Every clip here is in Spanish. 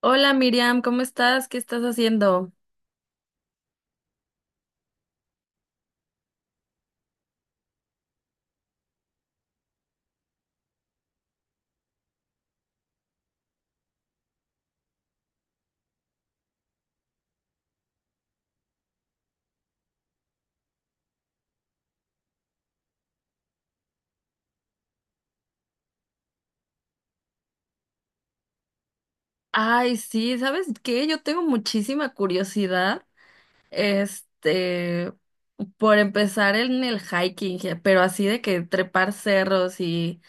Hola Miriam, ¿cómo estás? ¿Qué estás haciendo? Ay, sí, ¿sabes qué? Yo tengo muchísima curiosidad, este, por empezar en el hiking, pero así de que trepar cerros y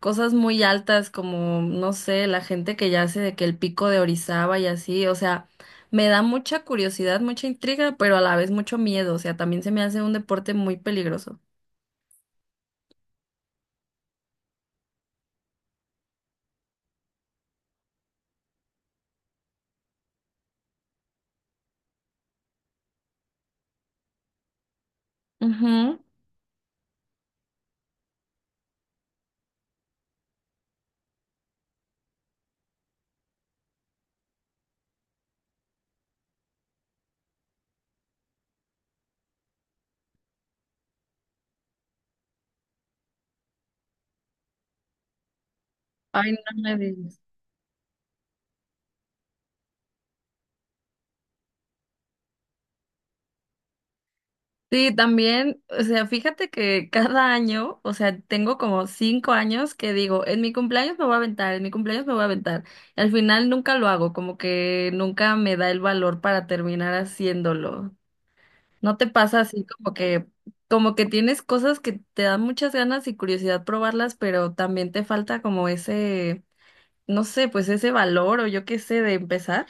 cosas muy altas como, no sé, la gente que ya hace de que el pico de Orizaba y así, o sea, me da mucha curiosidad, mucha intriga, pero a la vez mucho miedo, o sea, también se me hace un deporte muy peligroso. Ujú. Ay, no me digas. Sí, también, o sea, fíjate que cada año, o sea, tengo como 5 años que digo, en mi cumpleaños me voy a aventar, en mi cumpleaños me voy a aventar. Y al final nunca lo hago, como que nunca me da el valor para terminar haciéndolo. ¿No te pasa así como que tienes cosas que te dan muchas ganas y curiosidad probarlas, pero también te falta como ese, no sé, pues ese valor o yo qué sé de empezar?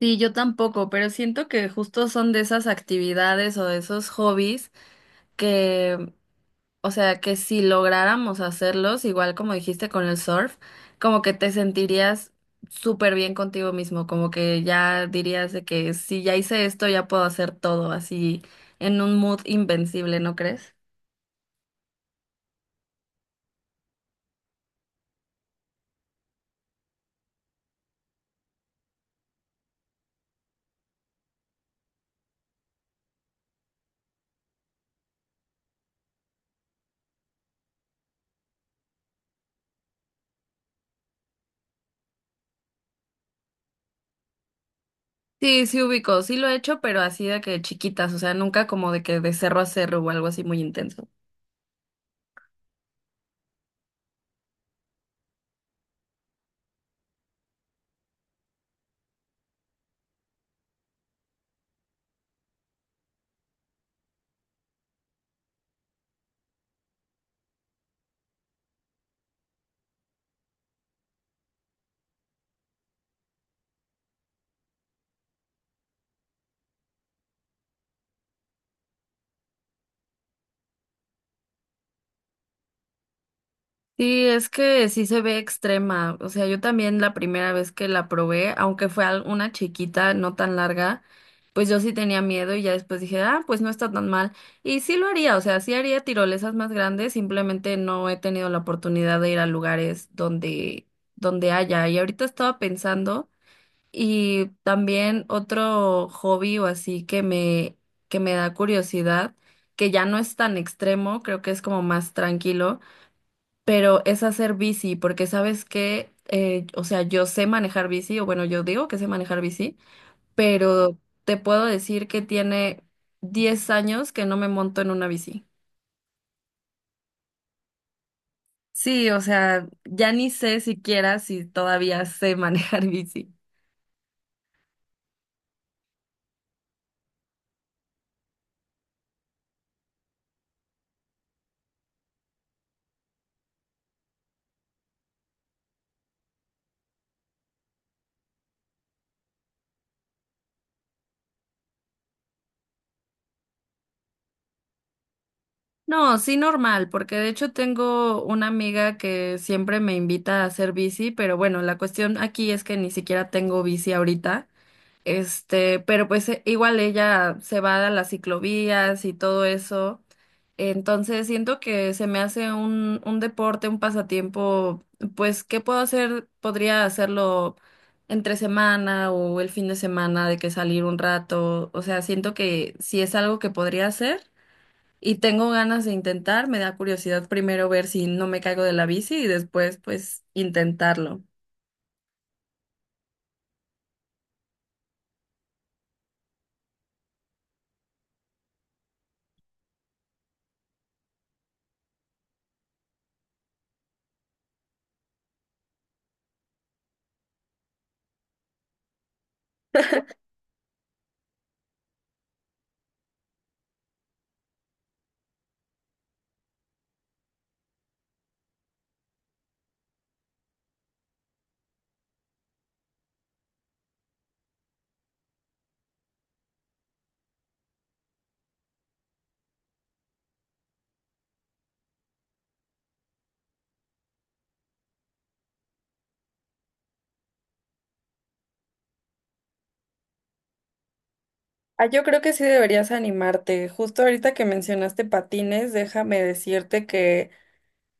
Sí, yo tampoco, pero siento que justo son de esas actividades o de esos hobbies que, o sea, que si lográramos hacerlos, igual como dijiste con el surf, como que te sentirías súper bien contigo mismo, como que ya dirías de que si ya hice esto, ya puedo hacer todo, así en un mood invencible, ¿no crees? Sí, sí ubico, sí lo he hecho, pero así de que chiquitas, o sea, nunca como de que de cerro a cerro o algo así muy intenso. Sí, es que sí se ve extrema. O sea, yo también la primera vez que la probé, aunque fue una chiquita, no tan larga, pues yo sí tenía miedo y ya después dije, ah, pues no está tan mal. Y sí lo haría, o sea, sí haría tirolesas más grandes, simplemente no he tenido la oportunidad de ir a lugares donde, donde haya. Y ahorita estaba pensando, y también otro hobby o así que me da curiosidad, que ya no es tan extremo, creo que es como más tranquilo pero es hacer bici, porque sabes que, o sea, yo sé manejar bici, o bueno, yo digo que sé manejar bici, pero te puedo decir que tiene 10 años que no me monto en una bici. Sí, o sea, ya ni sé siquiera si todavía sé manejar bici. No, sí normal, porque de hecho tengo una amiga que siempre me invita a hacer bici, pero bueno, la cuestión aquí es que ni siquiera tengo bici ahorita. Este, pero pues igual ella se va a las ciclovías y todo eso. Entonces siento que se me hace un deporte, un pasatiempo, pues, ¿qué puedo hacer? Podría hacerlo entre semana o el fin de semana de que salir un rato. O sea, siento que si es algo que podría hacer y tengo ganas de intentar, me da curiosidad primero ver si no me caigo de la bici y después pues intentarlo. Ah, yo creo que sí deberías animarte. Justo ahorita que mencionaste patines, déjame decirte que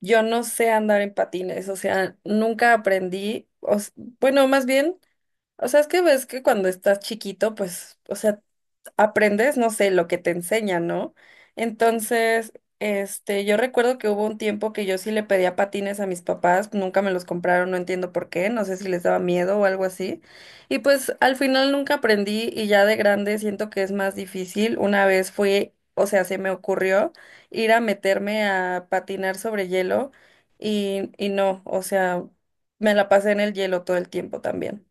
yo no sé andar en patines, o sea, nunca aprendí, bueno, más bien o sea, es que ves que cuando estás chiquito, pues, o sea, aprendes, no sé, lo que te enseñan, ¿no? Entonces, yo recuerdo que hubo un tiempo que yo sí le pedía patines a mis papás, nunca me los compraron, no entiendo por qué, no sé si les daba miedo o algo así. Y pues al final nunca aprendí y ya de grande siento que es más difícil. Una vez fui, o sea, se me ocurrió ir a meterme a patinar sobre hielo y no, o sea, me la pasé en el hielo todo el tiempo también.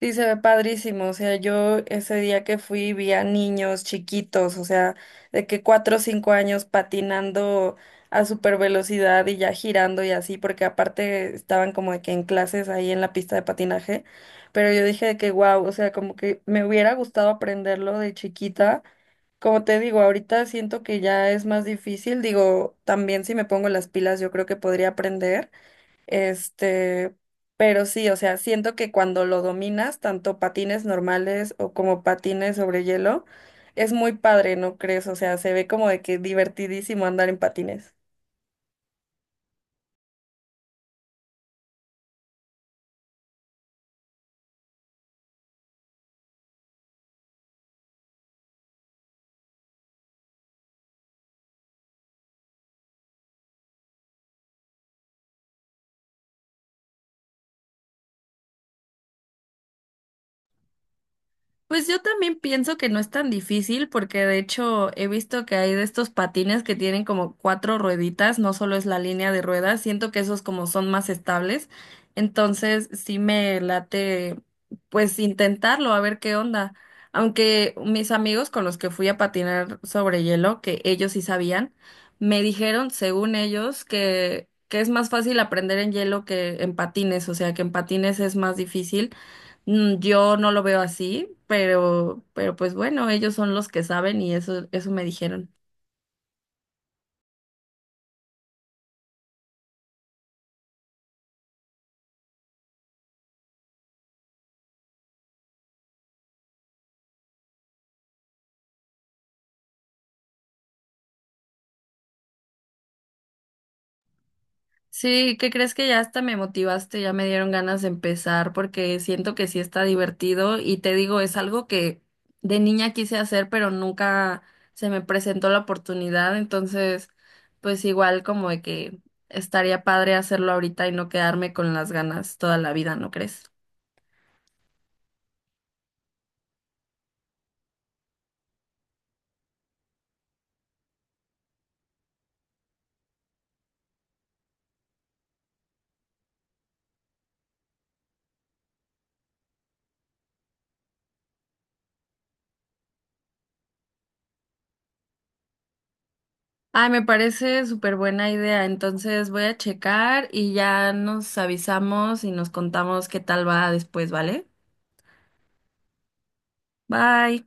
Sí, se ve padrísimo. O sea, yo ese día que fui vi a niños chiquitos, o sea, de que cuatro o cinco años patinando a super velocidad y ya girando y así, porque aparte estaban como de que en clases ahí en la pista de patinaje. Pero yo dije de que wow, o sea, como que me hubiera gustado aprenderlo de chiquita. Como te digo, ahorita siento que ya es más difícil. Digo, también si me pongo las pilas, yo creo que podría aprender. Este, pero sí, o sea, siento que cuando lo dominas, tanto patines normales o como patines sobre hielo, es muy padre, ¿no crees? O sea, se ve como de que divertidísimo andar en patines. Pues yo también pienso que no es tan difícil porque de hecho he visto que hay de estos patines que tienen como cuatro rueditas, no solo es la línea de ruedas, siento que esos como son más estables, entonces sí me late pues intentarlo a ver qué onda. Aunque mis amigos con los que fui a patinar sobre hielo, que ellos sí sabían, me dijeron, según ellos, que es más fácil aprender en hielo que en patines, o sea que en patines es más difícil. Mm, yo no lo veo así, pero pues bueno, ellos son los que saben y eso me dijeron. Sí, ¿qué crees que ya hasta me motivaste? Ya me dieron ganas de empezar porque siento que sí está divertido y te digo, es algo que de niña quise hacer, pero nunca se me presentó la oportunidad, entonces pues igual como de que estaría padre hacerlo ahorita y no quedarme con las ganas toda la vida, ¿no crees? Ay, me parece súper buena idea. Entonces voy a checar y ya nos avisamos y nos contamos qué tal va después, ¿vale? Bye.